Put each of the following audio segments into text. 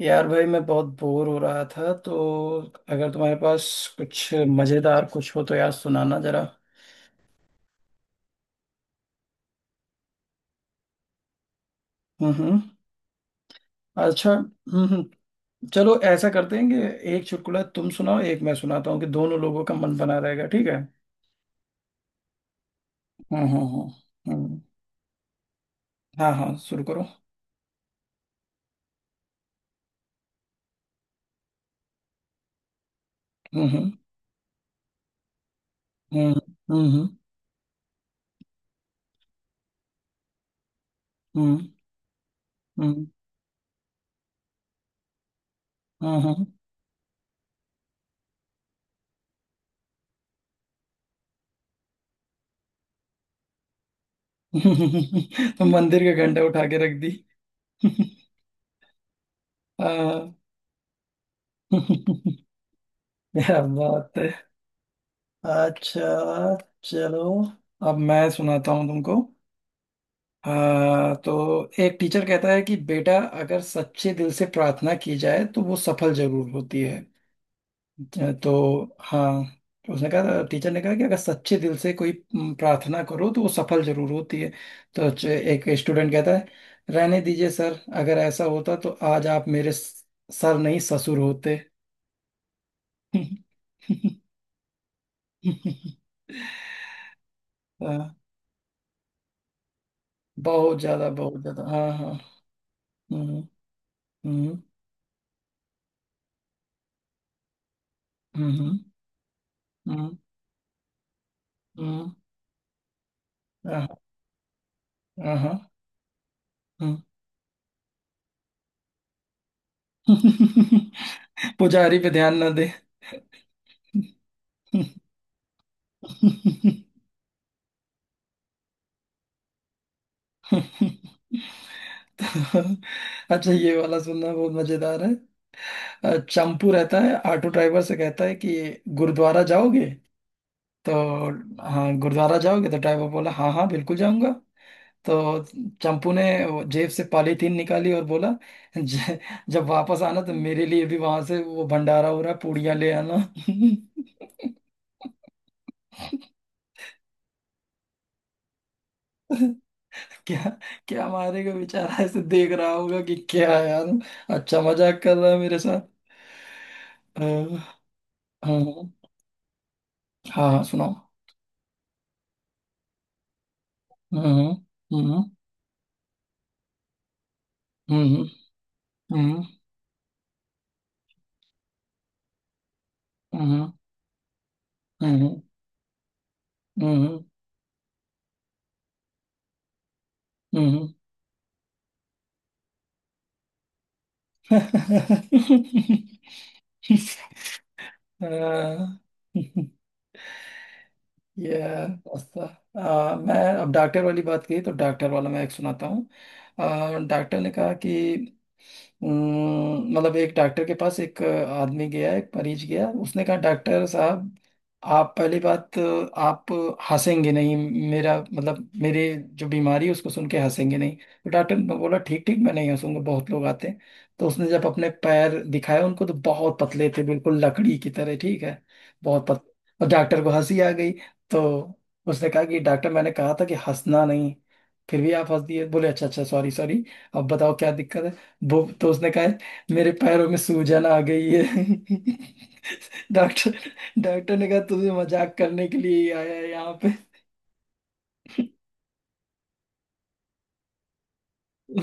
यार भाई मैं बहुत बोर हो रहा था, तो अगर तुम्हारे पास कुछ मजेदार कुछ हो तो यार सुनाना जरा। हम्म। अच्छा, हम्म। चलो ऐसा करते हैं कि एक चुटकुला तुम सुनाओ, एक मैं सुनाता हूँ, कि दोनों लोगों का मन बना रहेगा, ठीक है। हम्म। हम्म हम्म, हाँ हाँ, शुरू करो। हम्म हम्म हम्म। हम्म। हम्म। हम्म। हम्म। हम्म, तो मंदिर का घंटा उठा के रख दी। हाँ। क्या बात, अच्छा। चलो, अब मैं सुनाता हूँ तुमको। तो एक टीचर कहता है कि बेटा अगर सच्चे दिल से प्रार्थना की जाए तो वो सफल जरूर होती है। तो हाँ, तो उसने कहा, टीचर ने कहा कि अगर सच्चे दिल से कोई प्रार्थना करो तो वो सफल जरूर होती है। तो एक स्टूडेंट कहता है, रहने दीजिए सर, अगर ऐसा होता तो आज आप मेरे सर नहीं ससुर होते। हाँ, बहुत ज्यादा बहुत ज्यादा, हाँ हाँ। Uhum, uhum, uhम, uhum, uhum, आहा, आहा, हम्म। पुजारी पे ध्यान ना दे। अच्छा, ये वाला सुनना बहुत मजेदार है। चंपू रहता है, ऑटो ड्राइवर से कहता है कि गुरुद्वारा जाओगे? तो हाँ, गुरुद्वारा जाओगे? तो ड्राइवर बोला हाँ हाँ बिल्कुल जाऊंगा। तो चंपू ने वो जेब से पॉलीथीन निकाली और बोला, "ज- जब वापस आना तो मेरे लिए भी वहां से, वो भंडारा हो रहा है, पूड़ियां ले आना। क्या, क्या हमारे को बेचारा ऐसे देख रहा होगा कि क्या यार, अच्छा मजाक कर रहा है मेरे साथ। अ, हम्म, हाँ हाँ सुनाओ। हम्म हम्म हम्म हम्म हम्म हम्म हम्म हम्म हम्म। अ, Yeah, अच्छा। मैं, अब डॉक्टर वाली बात की तो डॉक्टर वाला मैं एक सुनाता हूँ। डॉक्टर ने कहा कि मतलब एक डॉक्टर के पास एक आदमी गया, एक मरीज गया। उसने कहा, डॉक्टर साहब, आप पहली बात, आप हंसेंगे नहीं। मेरा मतलब मेरे जो बीमारी है उसको सुन के हंसेंगे नहीं। तो डॉक्टर ने बोला, ठीक ठीक, मैं नहीं हंसूंगा, बहुत लोग आते हैं। तो उसने जब अपने पैर दिखाए उनको, तो बहुत पतले थे, बिल्कुल लकड़ी की तरह, ठीक है, बहुत पतले, और डॉक्टर को हंसी आ गई। तो उसने कहा कि डॉक्टर, मैंने कहा था कि हंसना नहीं, फिर भी आप हंस दिए। बोले, अच्छा अच्छा, सॉरी सॉरी, अब बताओ क्या दिक्कत है। वो तो उसने कहा मेरे पैरों में सूजन आ गई है। डॉक्टर, डॉक्टर ने कहा, तुम्हें मजाक करने के लिए ही आया है यहाँ पे।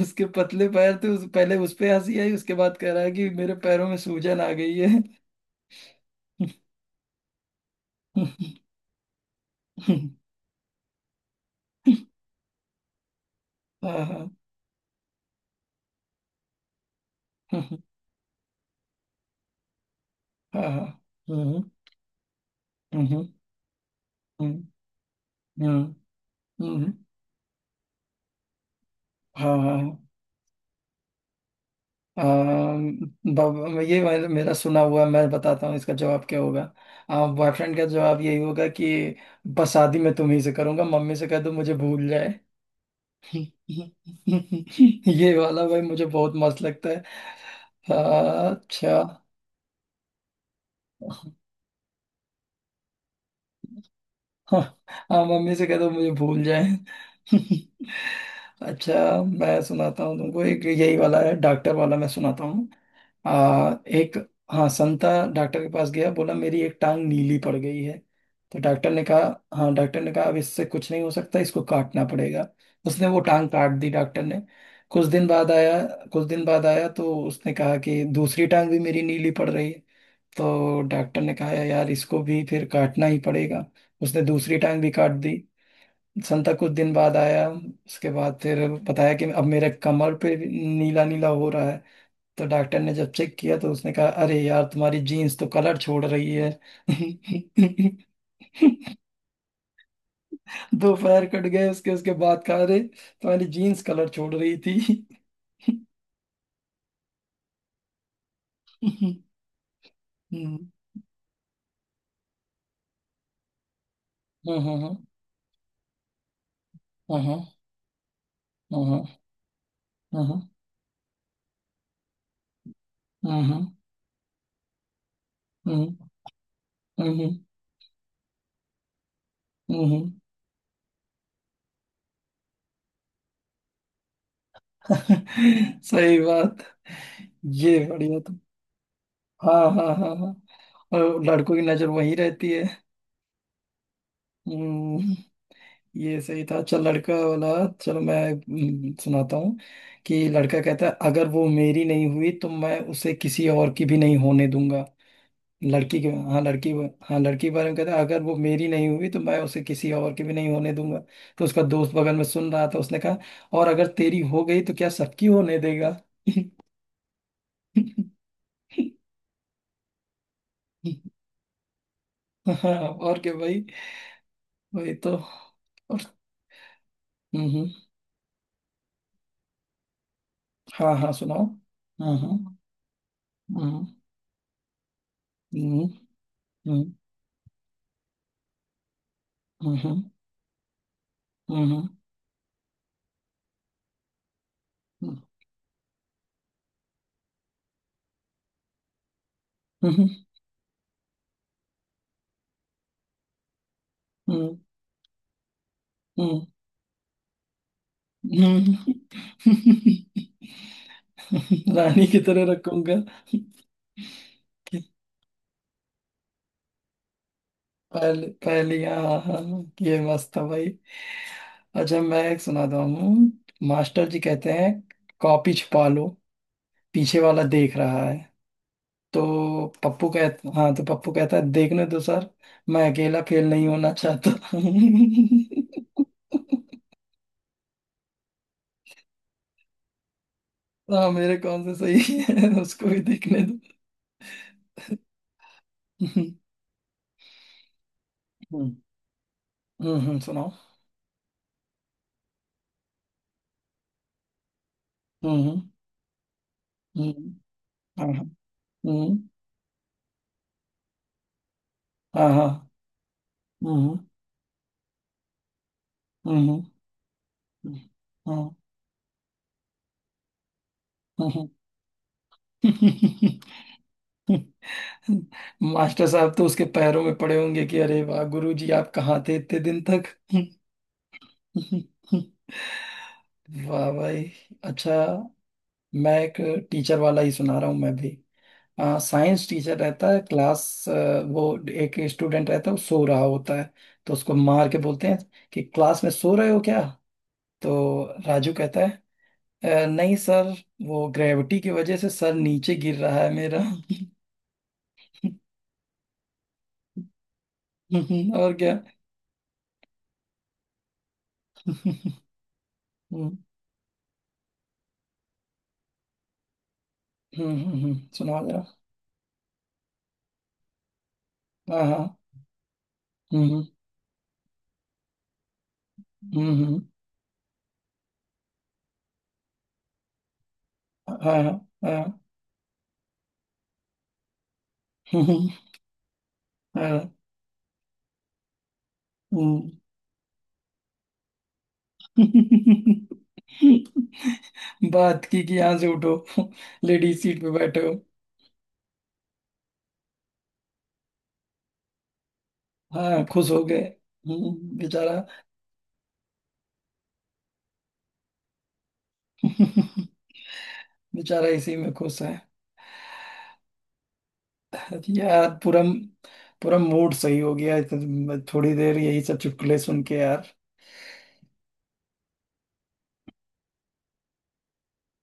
उसके पतले पैर थे, उस पहले उस पे हंसी आई, उसके बाद कह रहा है कि मेरे पैरों में सूजन आ गई है। हाँ हाँ हाँ हाँ। हम्म हम्म हम्म हम्म हम्म, हाँ हाँ। अम, ये मेरा मेरा सुना हुआ, मैं बताता हूँ इसका जवाब क्या होगा। बॉयफ्रेंड का जवाब यही होगा कि बस शादी मैं तुम्ही से करूंगा, मम्मी से कह दो मुझे भूल जाए। ये वाला भाई मुझे बहुत मस्त लगता है। अच्छा। हाँ हाँ, मम्मी से कह दो मुझे भूल जाए। अच्छा, मैं सुनाता हूँ तुमको एक, यही वाला है डॉक्टर वाला, मैं सुनाता हूँ। एक, हाँ, संता डॉक्टर के पास गया, बोला मेरी एक टांग नीली पड़ गई है। तो डॉक्टर ने कहा, हाँ, डॉक्टर ने कहा अब इससे कुछ नहीं हो सकता, इसको काटना पड़ेगा। उसने वो टांग काट दी, डॉक्टर ने। कुछ दिन बाद आया, कुछ दिन बाद आया तो उसने कहा कि दूसरी टांग भी मेरी नीली पड़ रही है। तो डॉक्टर ने कहा यार इसको भी फिर काटना ही पड़ेगा। उसने दूसरी टांग भी काट दी। संता कुछ दिन बाद आया उसके बाद, फिर बताया कि अब मेरे कमर पे नीला नीला हो रहा है। तो डॉक्टर ने जब चेक किया तो उसने कहा अरे यार, तुम्हारी जीन्स तो कलर छोड़ रही है। दो पैर कट गए उसके, उसके बाद कहा अरे तुम्हारी जीन्स कलर छोड़ रही थी। हम्म, हम्म, हम्म, हम्म, हम्म, हम्म, हम्म, हम्म, हम्म, हम्म, हम्म, हम्म। सही बात, ये बढ़िया। तो हाँ हाँ हाँ हाँ, और लड़कों की नजर वहीं रहती है। हम्म, ये सही था, चल लड़का वाला। चलो मैं सुनाता हूँ कि लड़का कहता है अगर वो मेरी नहीं हुई तो मैं उसे किसी और की भी नहीं होने दूंगा। लड़की के, हाँ, लड़की, हाँ, लड़की के बारे में कहता है अगर वो मेरी नहीं हुई तो मैं उसे किसी और की भी नहीं होने दूंगा। तो उसका दोस्त बगल में सुन रहा था, उसने कहा, और अगर तेरी हो गई तो क्या सबकी होने देगा। हाँ, और क्या भाई, वही तो, और। हम्म हम्म, हाँ हाँ सुनाओ। हम्म हम्म हम्म हम्म हम्म हम्म हम्म हम्म हम्म, हम्म, हम्म, हम्म, रानी की तरह रखूंगा। पहले पहले हाँ हाँ, ये मस्त था भाई। अच्छा, मैं एक सुनाता हूँ। मास्टर जी कहते हैं कॉपी छुपा लो, पीछे वाला देख रहा है। तो पप्पू कहता, हाँ, तो पप्पू कहता है देखने दो सर, मैं अकेला फेल नहीं होना चाहता। हाँ, मेरे कौन से सही है उसको भी देखने दो। हम्म सुनाओ। हम्म हम्म हम्म, हाँ हाँ। हम्म, हाँ हाँ। हम्म हम्म हम्म, हम्म, हाँ, हम्म। हम्म, मास्टर साहब तो उसके पैरों में पड़े होंगे कि अरे वाह गुरुजी, आप कहाँ थे इतने दिन तक। वाह भाई, अच्छा, मैं एक टीचर वाला ही सुना रहा हूँ मैं भी। साइंस टीचर रहता है क्लास, वो, एक स्टूडेंट रहता है वो सो रहा होता है। तो उसको मार के बोलते हैं कि क्लास में सो रहे हो क्या। तो राजू कहता है, " नहीं सर, वो ग्रेविटी की वजह से सर नीचे गिर रहा है मेरा। और क्या। हम्म, हम्म, सुनाओ जरा। हाँ हाँ। हम्म हम्म हम्म, हाँ हाँ। हाँ, हम्म, हम्म, हाँ, हम्म, बात की कि यहाँ से उठो लेडीज सीट पे बैठे हो। हाँ खुश हो गए। बेचारा। बेचारा इसी में खुश है। यार पूरा, पूरा मूड सही हो गया, थोड़ी देर यही सब चुटकुले सुन के यार।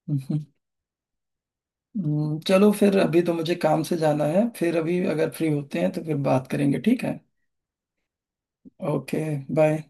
हम्म, चलो फिर, अभी तो मुझे काम से जाना है, फिर अभी अगर फ्री होते हैं तो फिर बात करेंगे, ठीक है। Okay, bye.